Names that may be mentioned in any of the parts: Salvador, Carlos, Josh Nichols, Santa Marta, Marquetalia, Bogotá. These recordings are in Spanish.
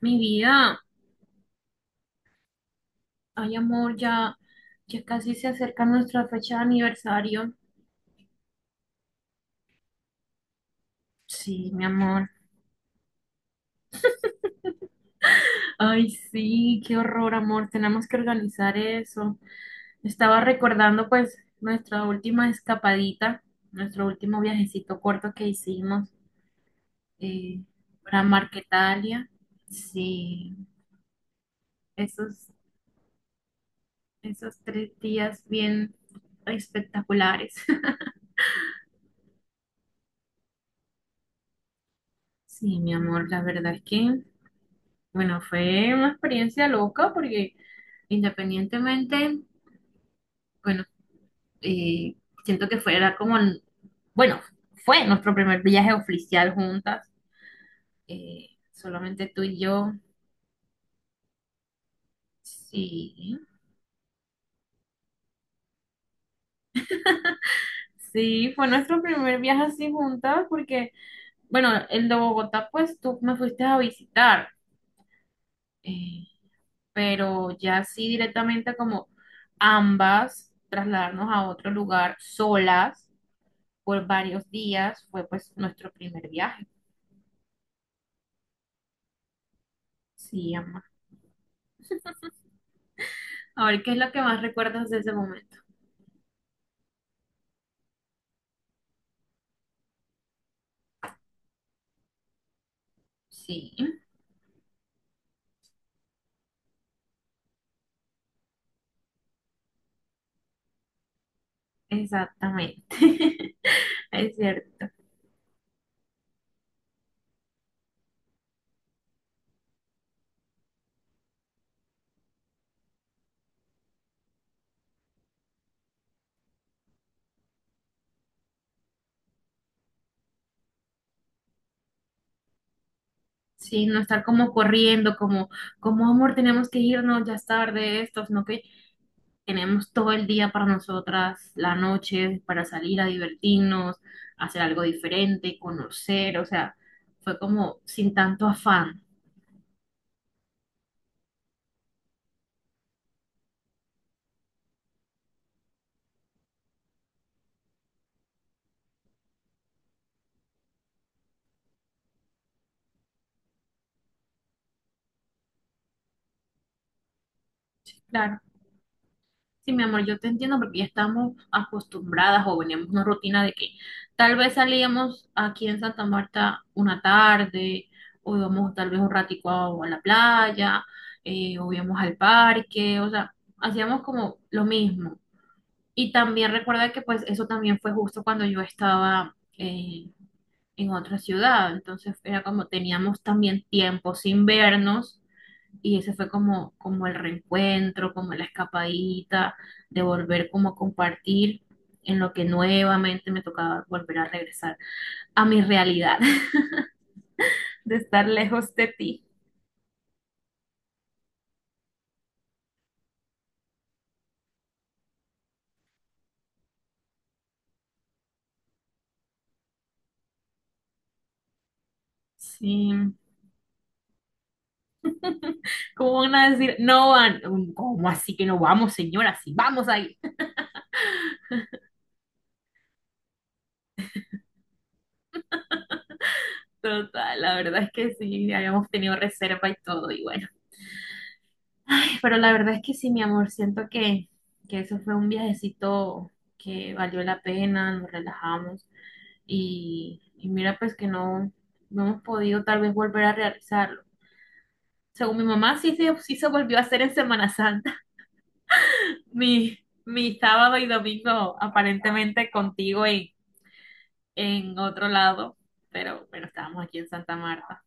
Mi vida, ay amor, ya, ya casi se acerca nuestra fecha de aniversario. Sí, mi amor. Ay, sí, qué horror, amor. Tenemos que organizar eso. Estaba recordando pues nuestra última escapadita, nuestro último viajecito corto que hicimos eh, para Marquetalia. Sí, esos, esos tres días bien espectaculares. Sí, mi amor, la verdad es que bueno, fue una experiencia loca porque independientemente, bueno, eh, siento que fuera como, bueno, fue nuestro primer viaje oficial juntas, solamente tú y yo, sí, sí, fue nuestro primer viaje así juntas porque, bueno, el de Bogotá, pues tú me fuiste a visitar, eh, pero ya sí directamente como ambas trasladarnos a otro lugar solas por varios días. Fue pues nuestro primer viaje. Sí, amor. A ver, ¿qué es lo que más recuerdas de ese momento? Sí, exactamente. Es cierto. Sí, no estar como corriendo, como, como amor, tenemos que irnos, ya es tarde, esto, sino que tenemos todo el día para nosotras, la noche, para salir a divertirnos, hacer algo diferente, conocer, o sea, fue como sin tanto afán. Claro. Sí, mi amor, yo te entiendo porque ya estamos acostumbradas o veníamos una rutina de que tal vez salíamos aquí en Santa Marta una tarde, o íbamos tal vez un ratico a la playa, o íbamos al parque, o sea, hacíamos como lo mismo. Y también recuerda que pues eso también fue justo cuando yo estaba en otra ciudad, entonces era como teníamos también tiempo sin vernos y ese fue como, como el reencuentro, como la escapadita de volver como a compartir en lo que nuevamente me tocaba volver a regresar a mi realidad de estar lejos de ti. Sí, ¿cómo van a decir? No van. ¿Cómo así que no vamos, señora? Sí, vamos ahí. Total, la verdad es que sí, habíamos tenido reserva y todo, y bueno. Pero la verdad es que sí, mi amor, siento que eso fue un viajecito que valió la pena, nos relajamos. Y, y mira pues que no, no hemos podido tal vez volver a realizarlo. Según mi mamá, sí se volvió a hacer en Semana Santa. Mi, mi sábado y domingo aparentemente contigo en otro lado, pero estábamos aquí en Santa Marta.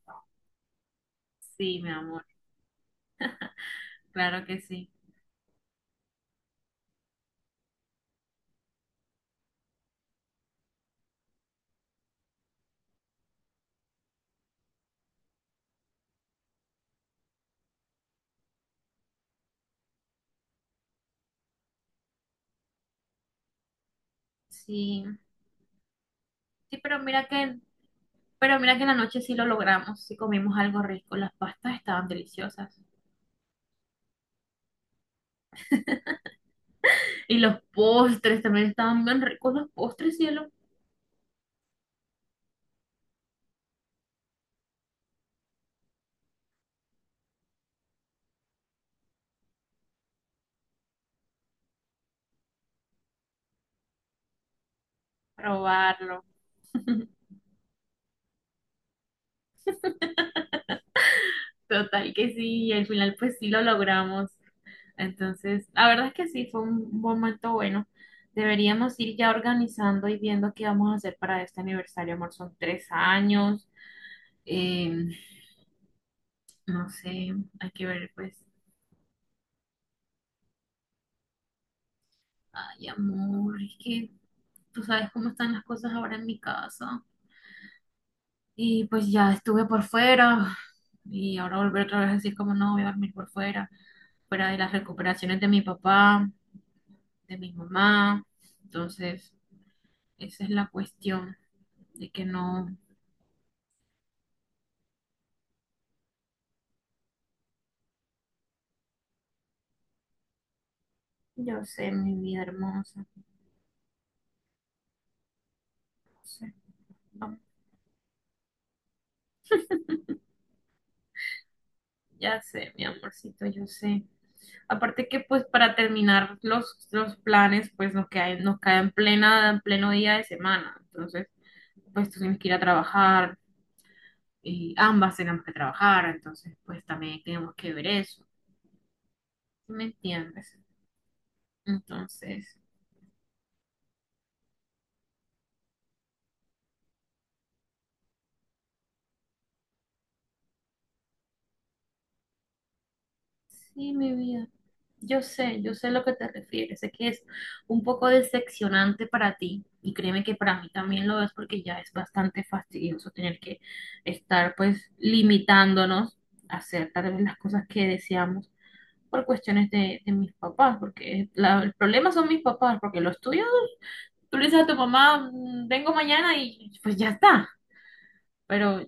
Sí, mi amor, claro que sí. Sí, sí, pero mira que en la noche sí lo logramos, sí comimos algo rico, las pastas estaban deliciosas. Y los postres también estaban bien ricos, los postres, cielo. Probarlo. Total que sí, y al final pues sí lo logramos. Entonces, la verdad es que sí, fue un momento bueno. Deberíamos ir ya organizando y viendo qué vamos a hacer para este aniversario, amor. Son tres años. eh, no sé, hay que ver pues. Ay, amor, es que tú sabes cómo están las cosas ahora en mi casa. Y pues ya estuve por fuera y ahora volver otra vez a decir como no, voy a dormir por fuera, fuera de las recuperaciones de mi papá, de mi mamá. Entonces... Esa es la cuestión de que no, yo sé, mi vida hermosa, no sé, no, ya sé, mi amorcito, yo sé. Aparte que pues para terminar los planes, pues nos cae en plena, en pleno día de semana. Entonces, pues tú tienes que ir a trabajar y ambas tenemos que trabajar, entonces pues también tenemos que ver eso, ¿sí ¿me entiendes? Entonces, sí, mi vida. Yo sé a lo que te refieres. Sé que es un poco decepcionante para ti y créeme que para mí también lo es porque ya es bastante fastidioso tener que estar pues limitándonos a hacer tal vez las cosas que deseamos por cuestiones de mis papás, porque el problema son mis papás, porque los tuyos, tú le dices a tu mamá, "Mm, vengo mañana y pues ya está." Pero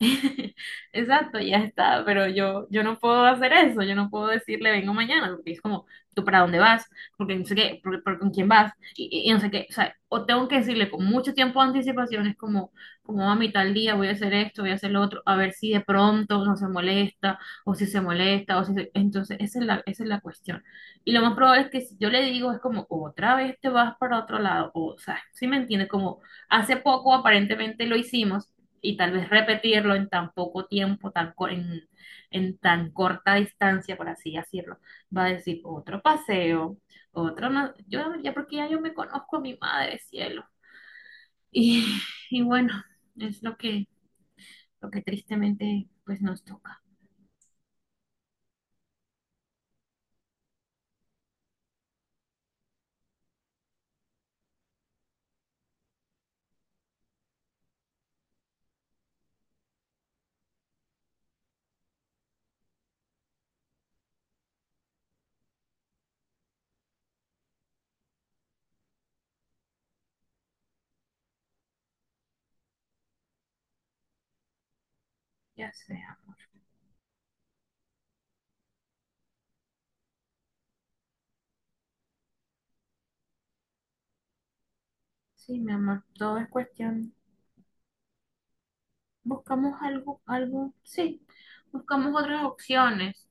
exacto, ya está, pero yo no puedo hacer eso, yo no puedo decirle vengo mañana, porque es como, ¿tú para dónde vas? Porque no sé qué, con quién vas, y no sé qué, o sea, o tengo que decirle con mucho tiempo de anticipación, es como, como a mitad del día voy a hacer esto, voy a hacer lo otro, a ver si de pronto no se molesta, o si se molesta, o si se- entonces esa es la cuestión. Y lo más probable es que si yo le digo es como, otra vez te vas para otro lado, o sea, ¿si me entiendes? Como hace poco aparentemente lo hicimos y tal vez repetirlo en tan poco tiempo, en tan corta distancia, por así decirlo, va a decir otro paseo, otro no, yo ya porque ya yo me conozco a mi madre, cielo. Y, y bueno, es lo que tristemente pues nos toca. Ya sé, amor. Sí, mi amor, todo es cuestión. Buscamos algo, algo, sí, buscamos otras opciones.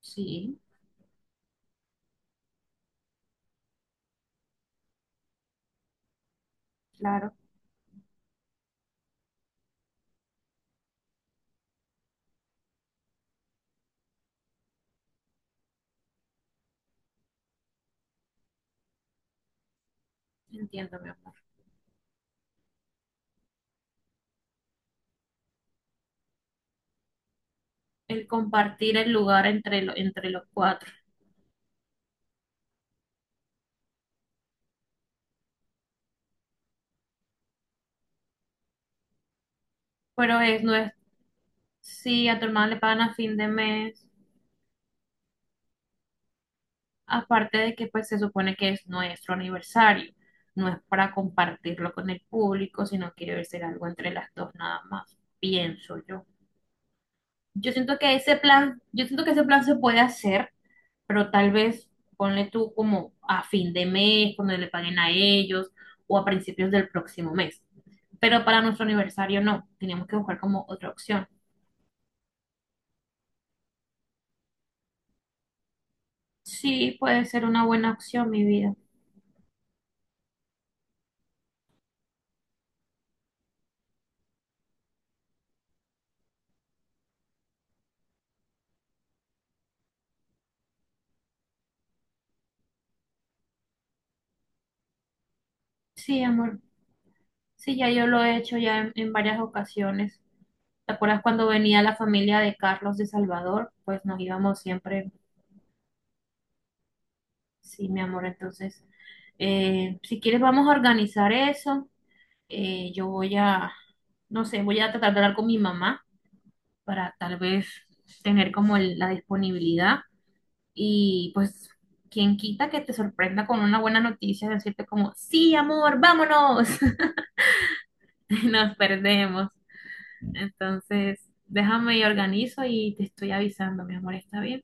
Sí, claro, entiendo, mi amor. El compartir el lugar entre, entre los cuatro. Pero es, no es, si a tu hermana le pagan a fin de mes, aparte de que pues se supone que es nuestro aniversario, no es para compartirlo con el público, sino que debe ser algo entre las dos nada más, pienso yo. Yo siento que ese plan, yo siento que ese plan se puede hacer, pero tal vez ponle tú como a fin de mes, cuando le paguen a ellos, o a principios del próximo mes. Pero para nuestro aniversario no, tenemos que buscar como otra opción. Sí, puede ser una buena opción, mi vida. Sí, amor. Sí, ya yo lo he hecho ya en varias ocasiones. ¿Te acuerdas cuando venía la familia de Carlos de Salvador? Pues nos íbamos siempre. Sí, mi amor. Entonces, si quieres vamos a organizar eso. Yo voy a, no sé, voy a tratar de hablar con mi mamá para tal vez tener como la disponibilidad. Y pues, quien quita que te sorprenda con una buena noticia, decirte como, sí, amor, vámonos. Nos perdemos. Entonces, déjame y organizo y te estoy avisando, mi amor, ¿está bien?